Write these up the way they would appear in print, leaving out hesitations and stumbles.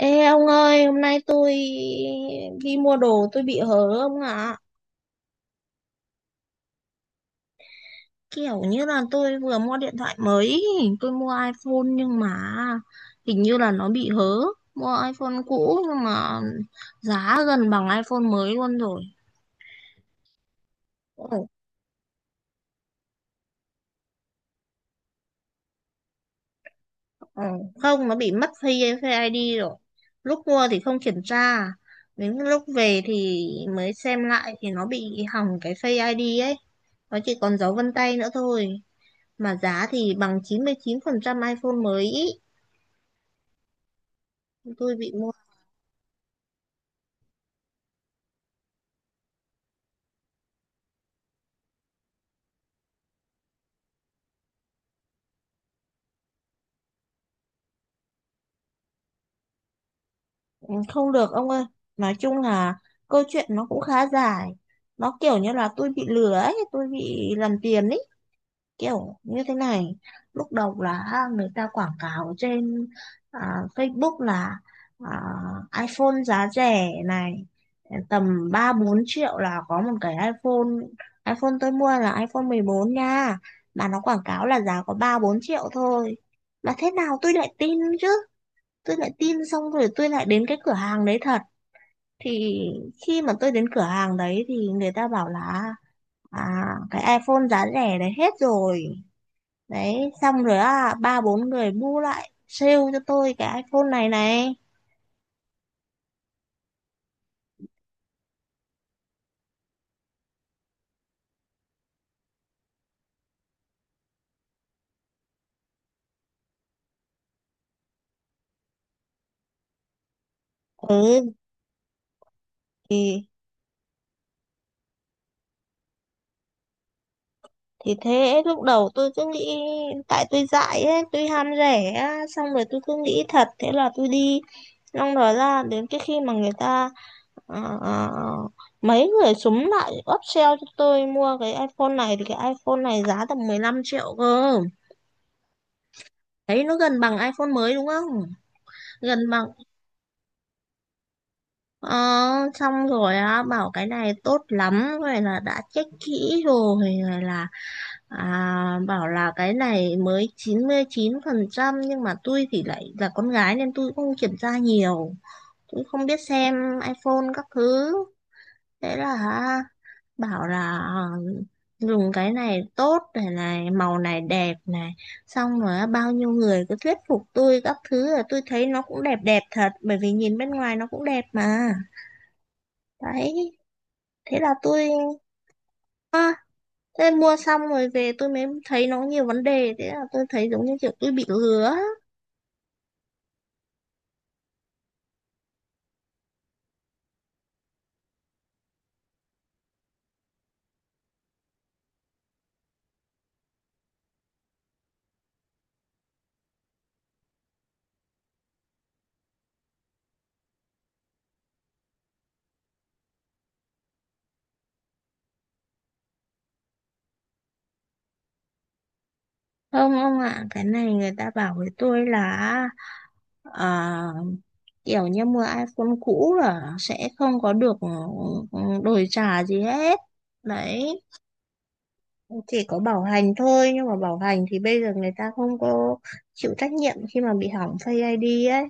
Ê ông ơi, hôm nay tôi đi mua đồ tôi bị hớ ông ạ. Kiểu như là tôi vừa mua điện thoại mới, tôi mua iPhone nhưng mà hình như là nó bị hớ. Mua iPhone cũ nhưng mà giá gần bằng iPhone mới luôn rồi. Ồ, ồ, không, nó bị mất Face Face ID rồi. Lúc mua thì không kiểm tra, đến lúc về thì mới xem lại thì nó bị hỏng cái Face ID ấy. Nó chỉ còn dấu vân tay nữa thôi. Mà giá thì bằng chín chín mươi chín phần trăm iPhone mới ý. Tôi bị mua Không được ông ơi, nói chung là câu chuyện nó cũng khá dài, nó kiểu như là tôi bị lừa ấy, tôi bị làm tiền ấy, kiểu như thế này. Lúc đầu là người ta quảng cáo trên Facebook là à, iPhone giá rẻ này, tầm 3 4 triệu là có một cái iPhone. iPhone tôi mua là iPhone 14 nha, mà nó quảng cáo là giá có 3 4 triệu thôi. Mà thế nào tôi lại tin chứ, tôi lại tin xong rồi tôi lại đến cái cửa hàng đấy thật. Thì khi mà tôi đến cửa hàng đấy thì người ta bảo là à, cái iPhone giá rẻ đấy hết rồi. Đấy, xong rồi á, ba bốn người bu lại sale cho tôi cái iPhone này này. Ừ, thì thì thế lúc đầu tôi cứ nghĩ tại tôi dại ấy, tôi ham rẻ á, xong rồi tôi cứ nghĩ thật, thế là tôi đi, xong rồi ra đến cái khi mà người ta ờ, ờ, mấy người súng lại upsell cho tôi mua cái iPhone này, thì cái iPhone này giá tầm 15 triệu cơ. Đấy nó gần bằng iPhone mới đúng không. gần bằng Ờ, Xong rồi á bảo cái này tốt lắm, rồi là đã check kỹ rồi, rồi là bảo là cái này mới chín chín mươi chín phần trăm, nhưng mà tôi thì lại là con gái nên tôi cũng không kiểm tra nhiều, tôi không biết xem iPhone các thứ. Thế là bảo là dùng cái này tốt này, này màu này đẹp này. Xong rồi á, bao nhiêu người cứ thuyết phục tôi các thứ là tôi thấy nó cũng đẹp đẹp thật, bởi vì nhìn bên ngoài nó cũng đẹp mà. Đấy, thế là tôi thế mua xong rồi về tôi mới thấy nó nhiều vấn đề, thế là tôi thấy giống như kiểu tôi bị lừa á. Không ông ạ, cái này người ta bảo với tôi là à, kiểu như mua iPhone cũ là sẽ không có được, ừ, đổi trả gì hết. Đấy, chỉ có bảo hành thôi, nhưng mà bảo hành thì bây giờ người ta không có chịu trách nhiệm khi mà bị hỏng Face ID ấy,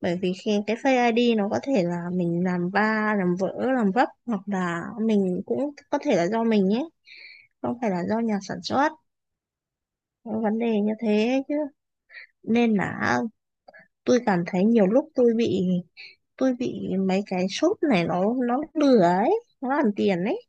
bởi vì khi cái fake ID nó có thể là mình làm ba làm vỡ làm vấp, hoặc là mình cũng có thể là do mình nhé, không phải là do nhà sản xuất. Có vấn đề như thế chứ, nên là tôi cảm thấy nhiều lúc tôi bị mấy cái shop này nó lừa ấy, nó làm tiền ấy.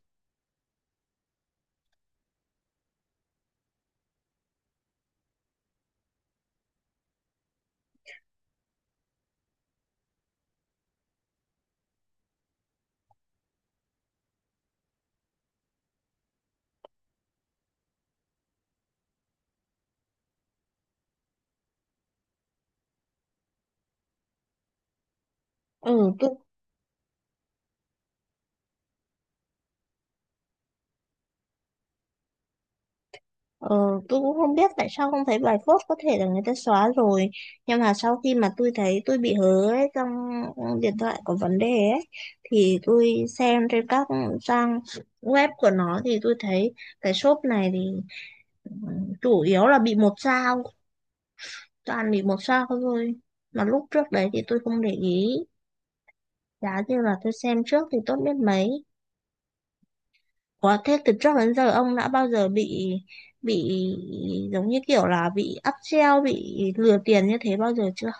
Ừ tôi Ờ, tôi cũng không biết tại sao không thấy bài post, có thể là người ta xóa rồi. Nhưng mà sau khi mà tôi thấy tôi bị hớ ấy, trong điện thoại có vấn đề ấy, thì tôi xem trên các trang web của nó thì tôi thấy cái shop này thì ừ, chủ yếu là bị một sao, toàn bị một sao thôi. Mà lúc trước đấy thì tôi không để ý. Giá như là tôi xem trước thì tốt biết mấy. Ủa, thế từ trước đến giờ ông đã bao giờ bị, bị giống như kiểu là bị áp treo, bị lừa tiền như thế bao giờ chưa?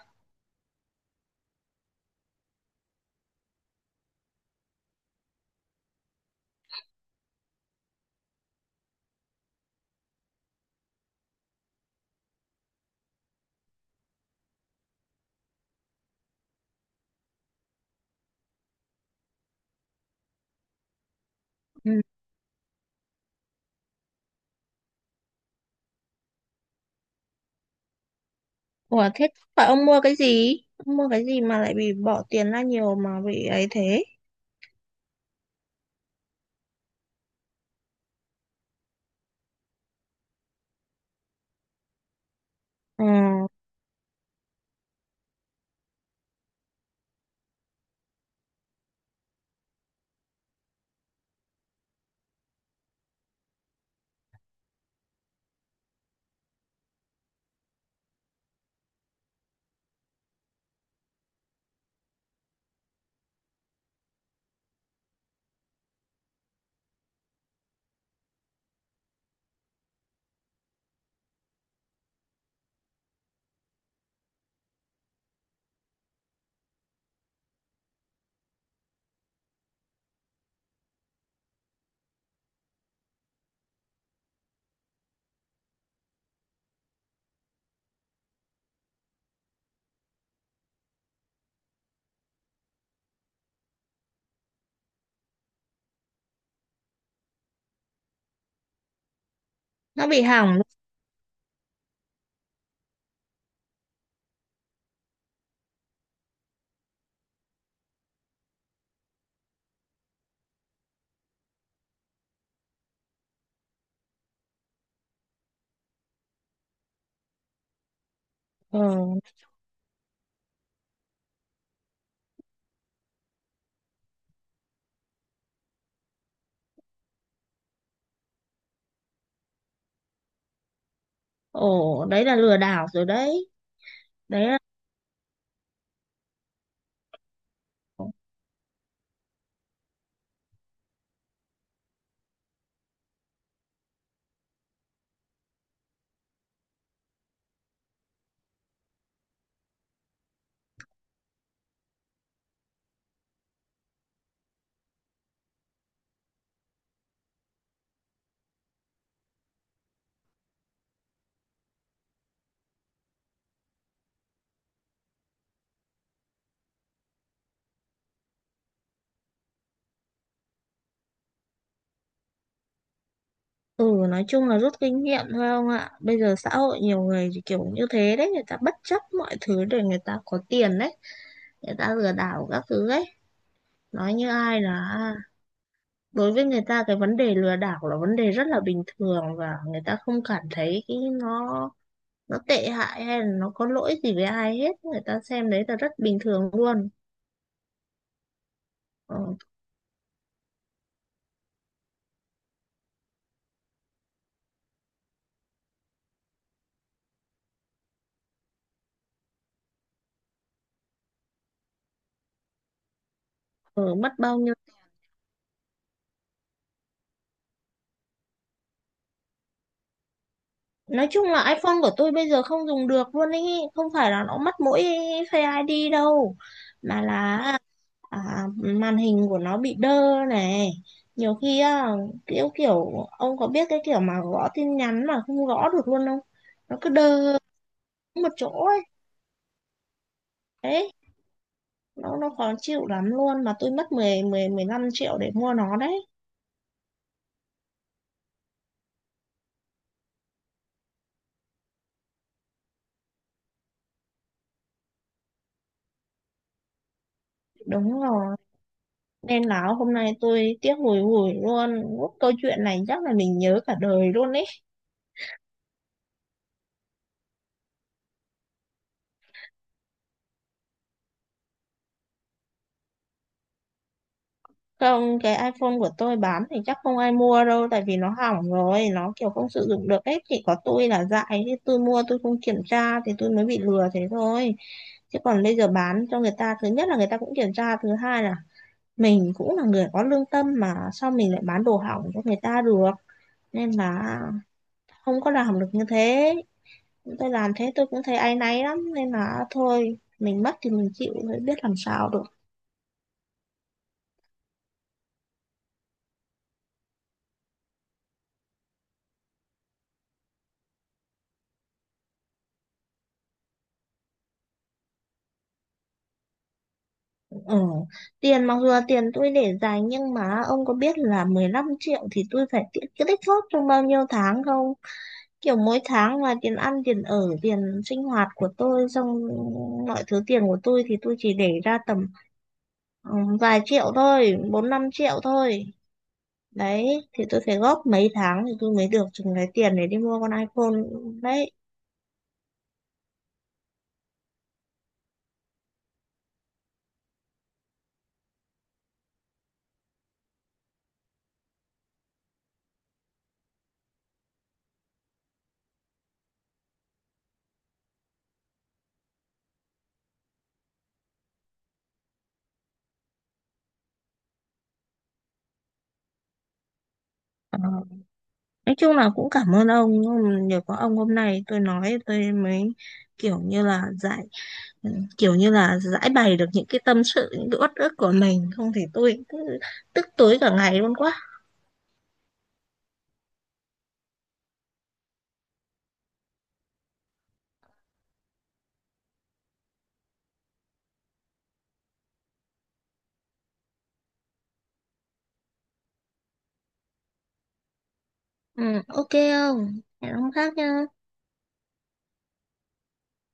Ừ. Ủa, thế phải ông mua cái gì? Ông mua cái gì mà lại bị bỏ tiền ra nhiều mà bị ấy thế? Ờ, nó bị hỏng. Ờ, ồ, đấy là lừa đảo rồi đấy. Đấy là, ừ, nói chung là rút kinh nghiệm thôi ông ạ. Bây giờ xã hội nhiều người thì kiểu như thế đấy, người ta bất chấp mọi thứ để người ta có tiền đấy. Người ta lừa đảo các thứ ấy. Nói như ai là đối với người ta cái vấn đề lừa đảo là vấn đề rất là bình thường, và người ta không cảm thấy cái nó tệ hại hay là nó có lỗi gì với ai hết, người ta xem đấy là rất bình thường luôn. ờ, ờ, Mất bao nhiêu, nói chung là iPhone của tôi bây giờ không dùng được luôn ấy, không phải là nó mất mỗi Face ID đâu, mà là à, màn hình của nó bị đơ này, nhiều khi á, kiểu kiểu ông có biết cái kiểu mà gõ tin nhắn mà không gõ được luôn không, nó cứ đơ một chỗ ấy. Đấy, nó khó chịu lắm luôn, mà tôi mất mười mười mười 15 triệu để mua nó đấy. Đúng rồi, nên là hôm nay tôi tiếc hùi hùi luôn. Lúc câu chuyện này chắc là mình nhớ cả đời luôn ấy. Không, cái iPhone của tôi bán thì chắc không ai mua đâu, tại vì nó hỏng rồi, nó kiểu không sử dụng được ấy. Chỉ có tôi là dại, chứ tôi mua tôi không kiểm tra thì tôi mới bị lừa thế thôi. Chứ còn bây giờ bán cho người ta, thứ nhất là người ta cũng kiểm tra, thứ hai là mình cũng là người có lương tâm, mà sao mình lại bán đồ hỏng cho người ta được. Nên là không có làm được như thế. Tôi làm thế tôi cũng thấy áy náy lắm, nên là thôi mình mất thì mình chịu, mới biết làm sao được. Ừ. Tiền mặc dù là tiền tôi để dành, nhưng mà ông có biết là 15 triệu thì tôi phải cái tích góp trong bao nhiêu tháng không. Kiểu mỗi tháng là tiền ăn, tiền ở, tiền sinh hoạt của tôi, xong mọi thứ tiền của tôi thì tôi chỉ để ra tầm ừ, vài triệu thôi, bốn năm triệu thôi. Đấy, thì tôi phải góp mấy tháng thì tôi mới được chừng cái tiền để đi mua con iPhone. Đấy, Ờ, nói chung là cũng cảm ơn ông, nhưng nhờ có ông hôm nay tôi nói tôi mới kiểu như là giải ừ, kiểu như là giải bày được những cái tâm sự, những cái uất ức của mình, không thì tôi cứ tức tối cả ngày luôn quá. Ừ, ok, không hẹn ông khác nha.